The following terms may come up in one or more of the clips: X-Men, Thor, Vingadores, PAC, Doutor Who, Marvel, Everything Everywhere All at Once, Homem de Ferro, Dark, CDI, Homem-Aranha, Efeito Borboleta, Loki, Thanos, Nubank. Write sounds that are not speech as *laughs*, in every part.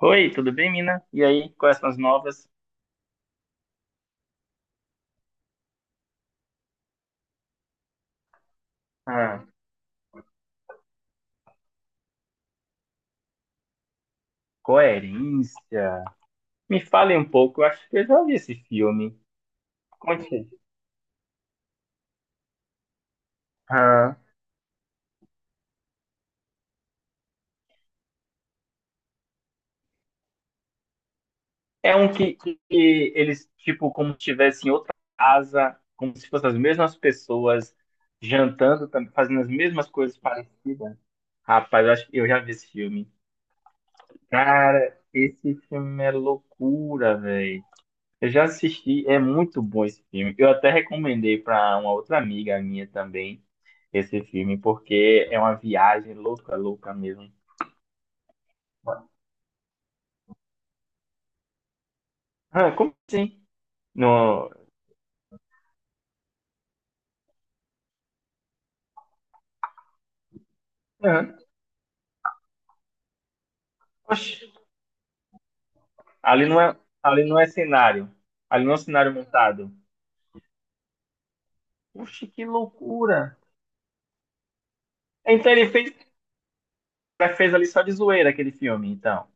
Oi, tudo bem, Mina? E aí, quais são as novas? Ah, coerência. Me fale um pouco, eu acho que eu já vi esse filme. Conte. Ah, é um que eles, tipo, como se estivessem em outra casa, como se fossem as mesmas pessoas, jantando, fazendo as mesmas coisas parecidas. Rapaz, eu acho que eu já vi esse filme. Cara, esse filme é loucura, velho. Eu já assisti, é muito bom esse filme. Eu até recomendei para uma outra amiga minha também esse filme, porque é uma viagem louca, louca mesmo. Ah, como assim? No... Ah, oxe, ali não é, ali não é cenário. Ali não é um cenário montado. Oxe, que loucura! Então ele fez ali só de zoeira aquele filme, então.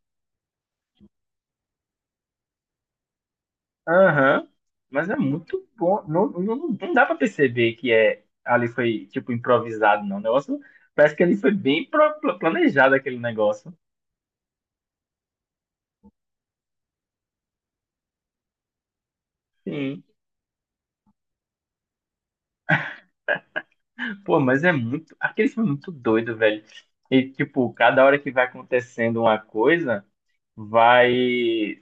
Aham. Mas é muito bom. Não, não dá pra perceber que é ali foi tipo improvisado, não. O negócio parece que ali foi bem planejado aquele negócio. Sim. Pô, mas é muito. Aquele filme é muito doido, velho. E tipo, cada hora que vai acontecendo uma coisa, vai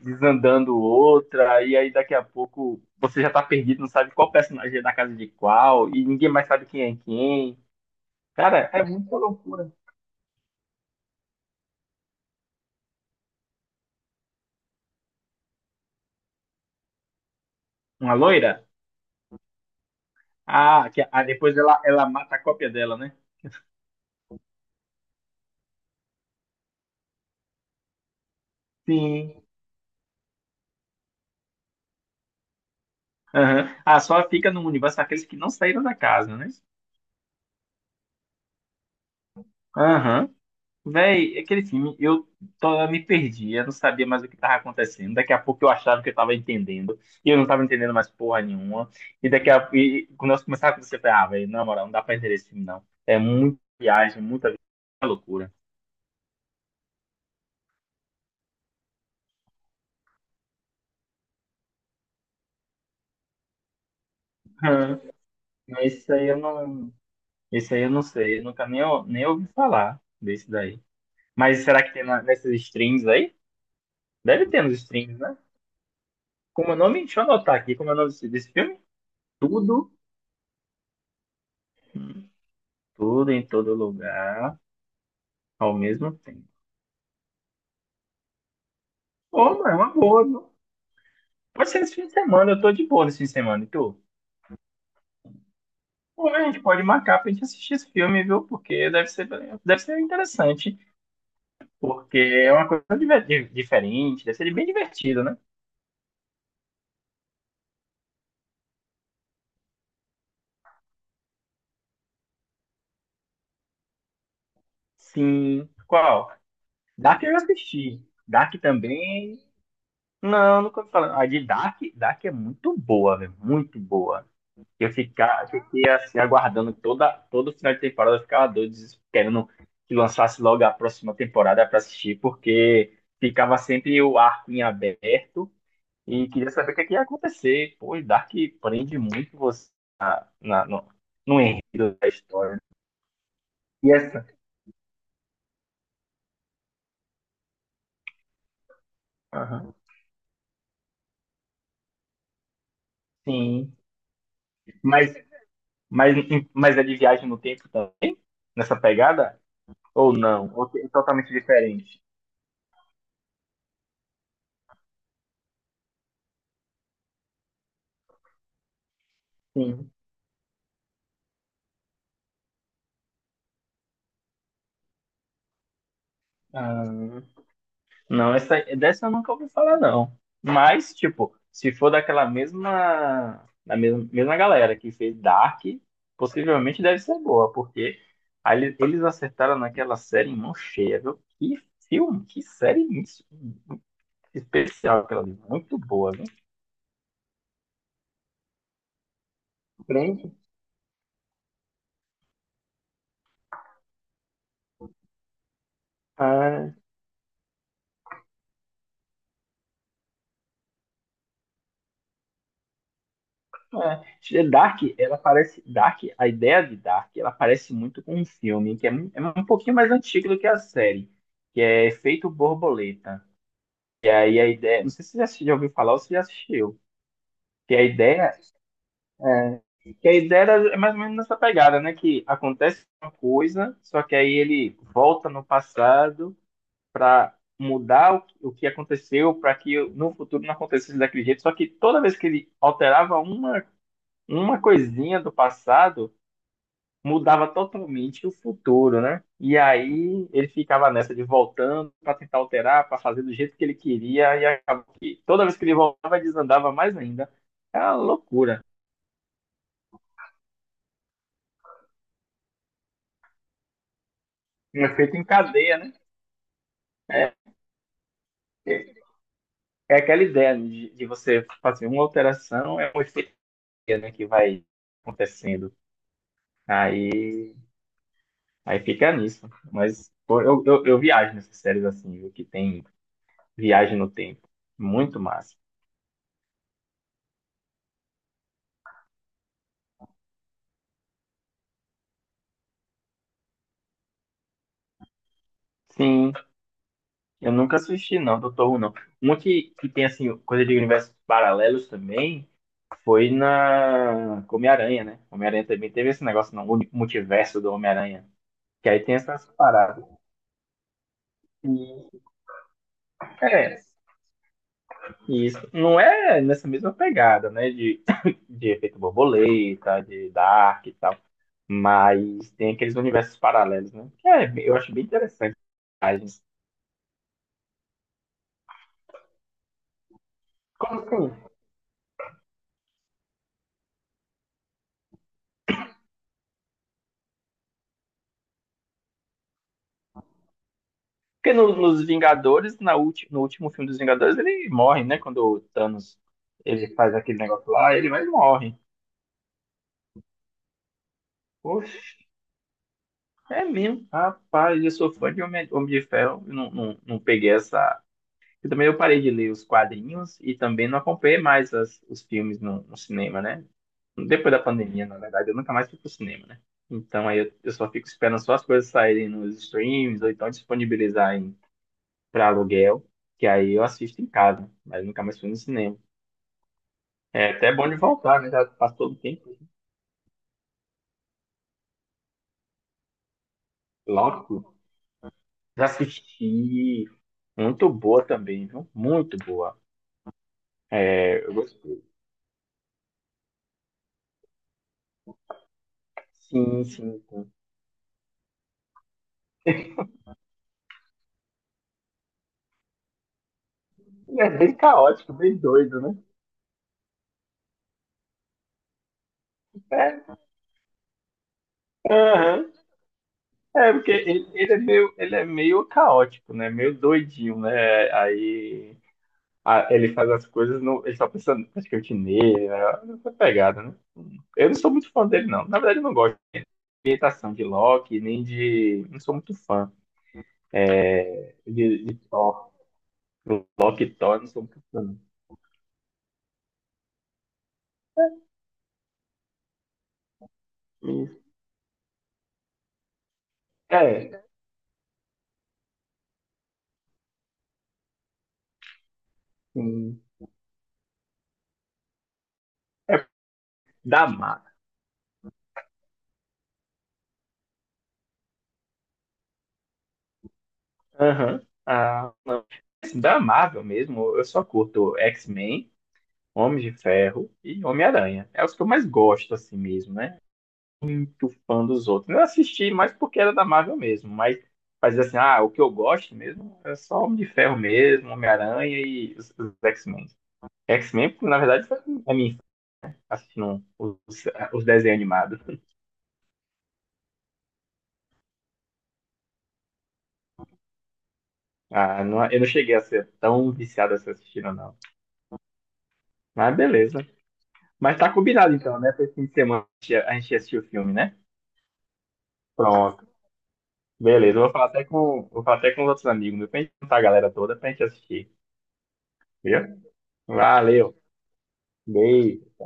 desandando outra, e aí daqui a pouco você já tá perdido, não sabe qual personagem é da casa de qual, e ninguém mais sabe quem é quem. Cara, é muita loucura. Uma loira? Ah, depois ela mata a cópia dela, né? Sim. Aham. Ah, só fica no universo aqueles que não saíram da casa, né? Aham. Véi, tô, eu me perdi, eu não sabia mais o que tava acontecendo. Daqui a pouco eu achava que eu tava entendendo, e eu não tava entendendo mais porra nenhuma. Quando nós começava a acontecer, eu falei, ah, velho, na moral, não dá pra entender esse filme, não. É muita viagem, muita loucura. Aham. Mas isso aí eu não sei, eu nunca nem, nem ouvi falar desse daí. Mas será que tem nessas streams aí? Deve ter nos streams, né? Como é o nome? Deixa eu anotar aqui como é o nome desse filme. Tudo, tudo em todo lugar, ao mesmo tempo. Pô, mano, é uma boa. Viu? Pode ser esse fim de semana, eu tô de boa nesse fim de semana. E tu? Pô, a gente pode marcar pra gente assistir esse filme, viu? Porque deve deve ser interessante. Porque é uma coisa diferente, deve ser bem divertido, né? Sim. Qual? Dark eu assisti. Dark também. Não, nunca ouvi falar. A de Dark é muito boa, velho. Muito boa. Fiquei assim, aguardando todo final de temporada, eu ficava doido, querendo que lançasse logo a próxima temporada pra assistir, porque ficava sempre o arco em aberto e queria saber o que, é que ia acontecer. Pô, e Dark prende muito você na, no, no enredo da história. E essa? Aham. Sim. Mas, mas, mas é de viagem no tempo também, nessa pegada? Ou não? Ou é totalmente diferente? Sim. Ah, não, essa, dessa eu nunca ouvi falar, não. Mas, tipo, se for daquela mesma, da mesma, mesma galera que fez Dark, possivelmente deve ser boa, porque aí eles acertaram naquela série em mão cheia, viu? Que série especial aquela ali, muito boa, viu? Prende. É, Dark, ela parece. Dark, a ideia de Dark, ela parece muito com um filme que é, é um pouquinho mais antigo do que a série, que é Efeito Borboleta. Aí a ideia. Não sei se você já ouviu falar ou se já assistiu. Que a ideia. É, que a ideia é mais ou menos nessa pegada, né? Que acontece uma coisa, só que aí ele volta no passado para mudar o que aconteceu para que no futuro não acontecesse daquele jeito. Só que toda vez que ele alterava uma coisinha do passado mudava totalmente o futuro, né? E aí ele ficava nessa de voltando para tentar alterar, para fazer do jeito que ele queria e acabou que toda vez que ele voltava desandava mais ainda. É uma loucura. Um efeito em cadeia, né? É, é é aquela ideia de você fazer uma alteração, é um efeito, né, que vai acontecendo. Aí, aí fica nisso. Mas pô, eu viajo nessas séries assim, viu? Que tem viagem no tempo. Muito massa. Sim, eu nunca assisti, não, Doutor Who, não. Uma que tem, assim, coisa de universos paralelos também foi na Homem-Aranha, né? Homem-Aranha também teve esse negócio não o único multiverso do Homem-Aranha. Que aí tem essas paradas. E, é, isso. Não é nessa mesma pegada, né? De, *coughs* *laughs* de efeito borboleta, de Dark e tal. Mas tem aqueles universos paralelos, né? Que é, eu acho bem interessante. Como assim? Porque nos Vingadores, na no último filme dos Vingadores, ele morre, né? Quando o Thanos ele faz aquele negócio lá, ele vai e morre. Poxa, é mesmo. Rapaz, eu sou fã de Homem, Homem de Ferro. Eu não peguei essa. Eu também eu parei de ler os quadrinhos e também não acompanhei mais os filmes no cinema, né? Depois da pandemia, na verdade, eu nunca mais fui pro cinema, né? Então aí eu só fico esperando só as coisas saírem nos streams ou então disponibilizarem para aluguel, que aí eu assisto em casa, mas nunca mais fui no cinema. É até bom de voltar, né? Já passou um tempo. Lógico, já assisti. Muito boa também, viu? Muito boa. É, eu gostei. Sim, sim. E é bem caótico, bem doido, né? É, aham. É, porque ele é meio caótico, né? Meio doidinho, né? Aí ele faz as coisas, no, ele tá pensando praticamente nele, né? Essa pegada, né? Eu não sou muito fã dele, não. Na verdade, eu não gosto de imitação de Loki, nem de. Não sou muito fã de Thor. No lockdown, não funciona. É, sim. É da Marvel. Aham. Ah, não. Assim, da Marvel mesmo, eu só curto X-Men, Homem de Ferro e Homem-Aranha. É os que eu mais gosto, assim mesmo, né? Muito fã dos outros. Eu assisti mais porque era da Marvel mesmo, mas assim, ah, o que eu gosto mesmo é só Homem de Ferro mesmo, Homem-Aranha e os X-Men. X-Men, na verdade, foi a mim assistindo os desenhos animados. Ah, eu não cheguei a ser tão viciado assim assistindo, não. Mas beleza. Mas tá combinado então, né? Pra esse fim de semana a gente assistir o filme, né? Pronto. Beleza. Eu vou falar até com, vou falar até com os outros amigos, meu, pra gente juntar a galera toda pra gente assistir. Viu? Valeu. Beijo.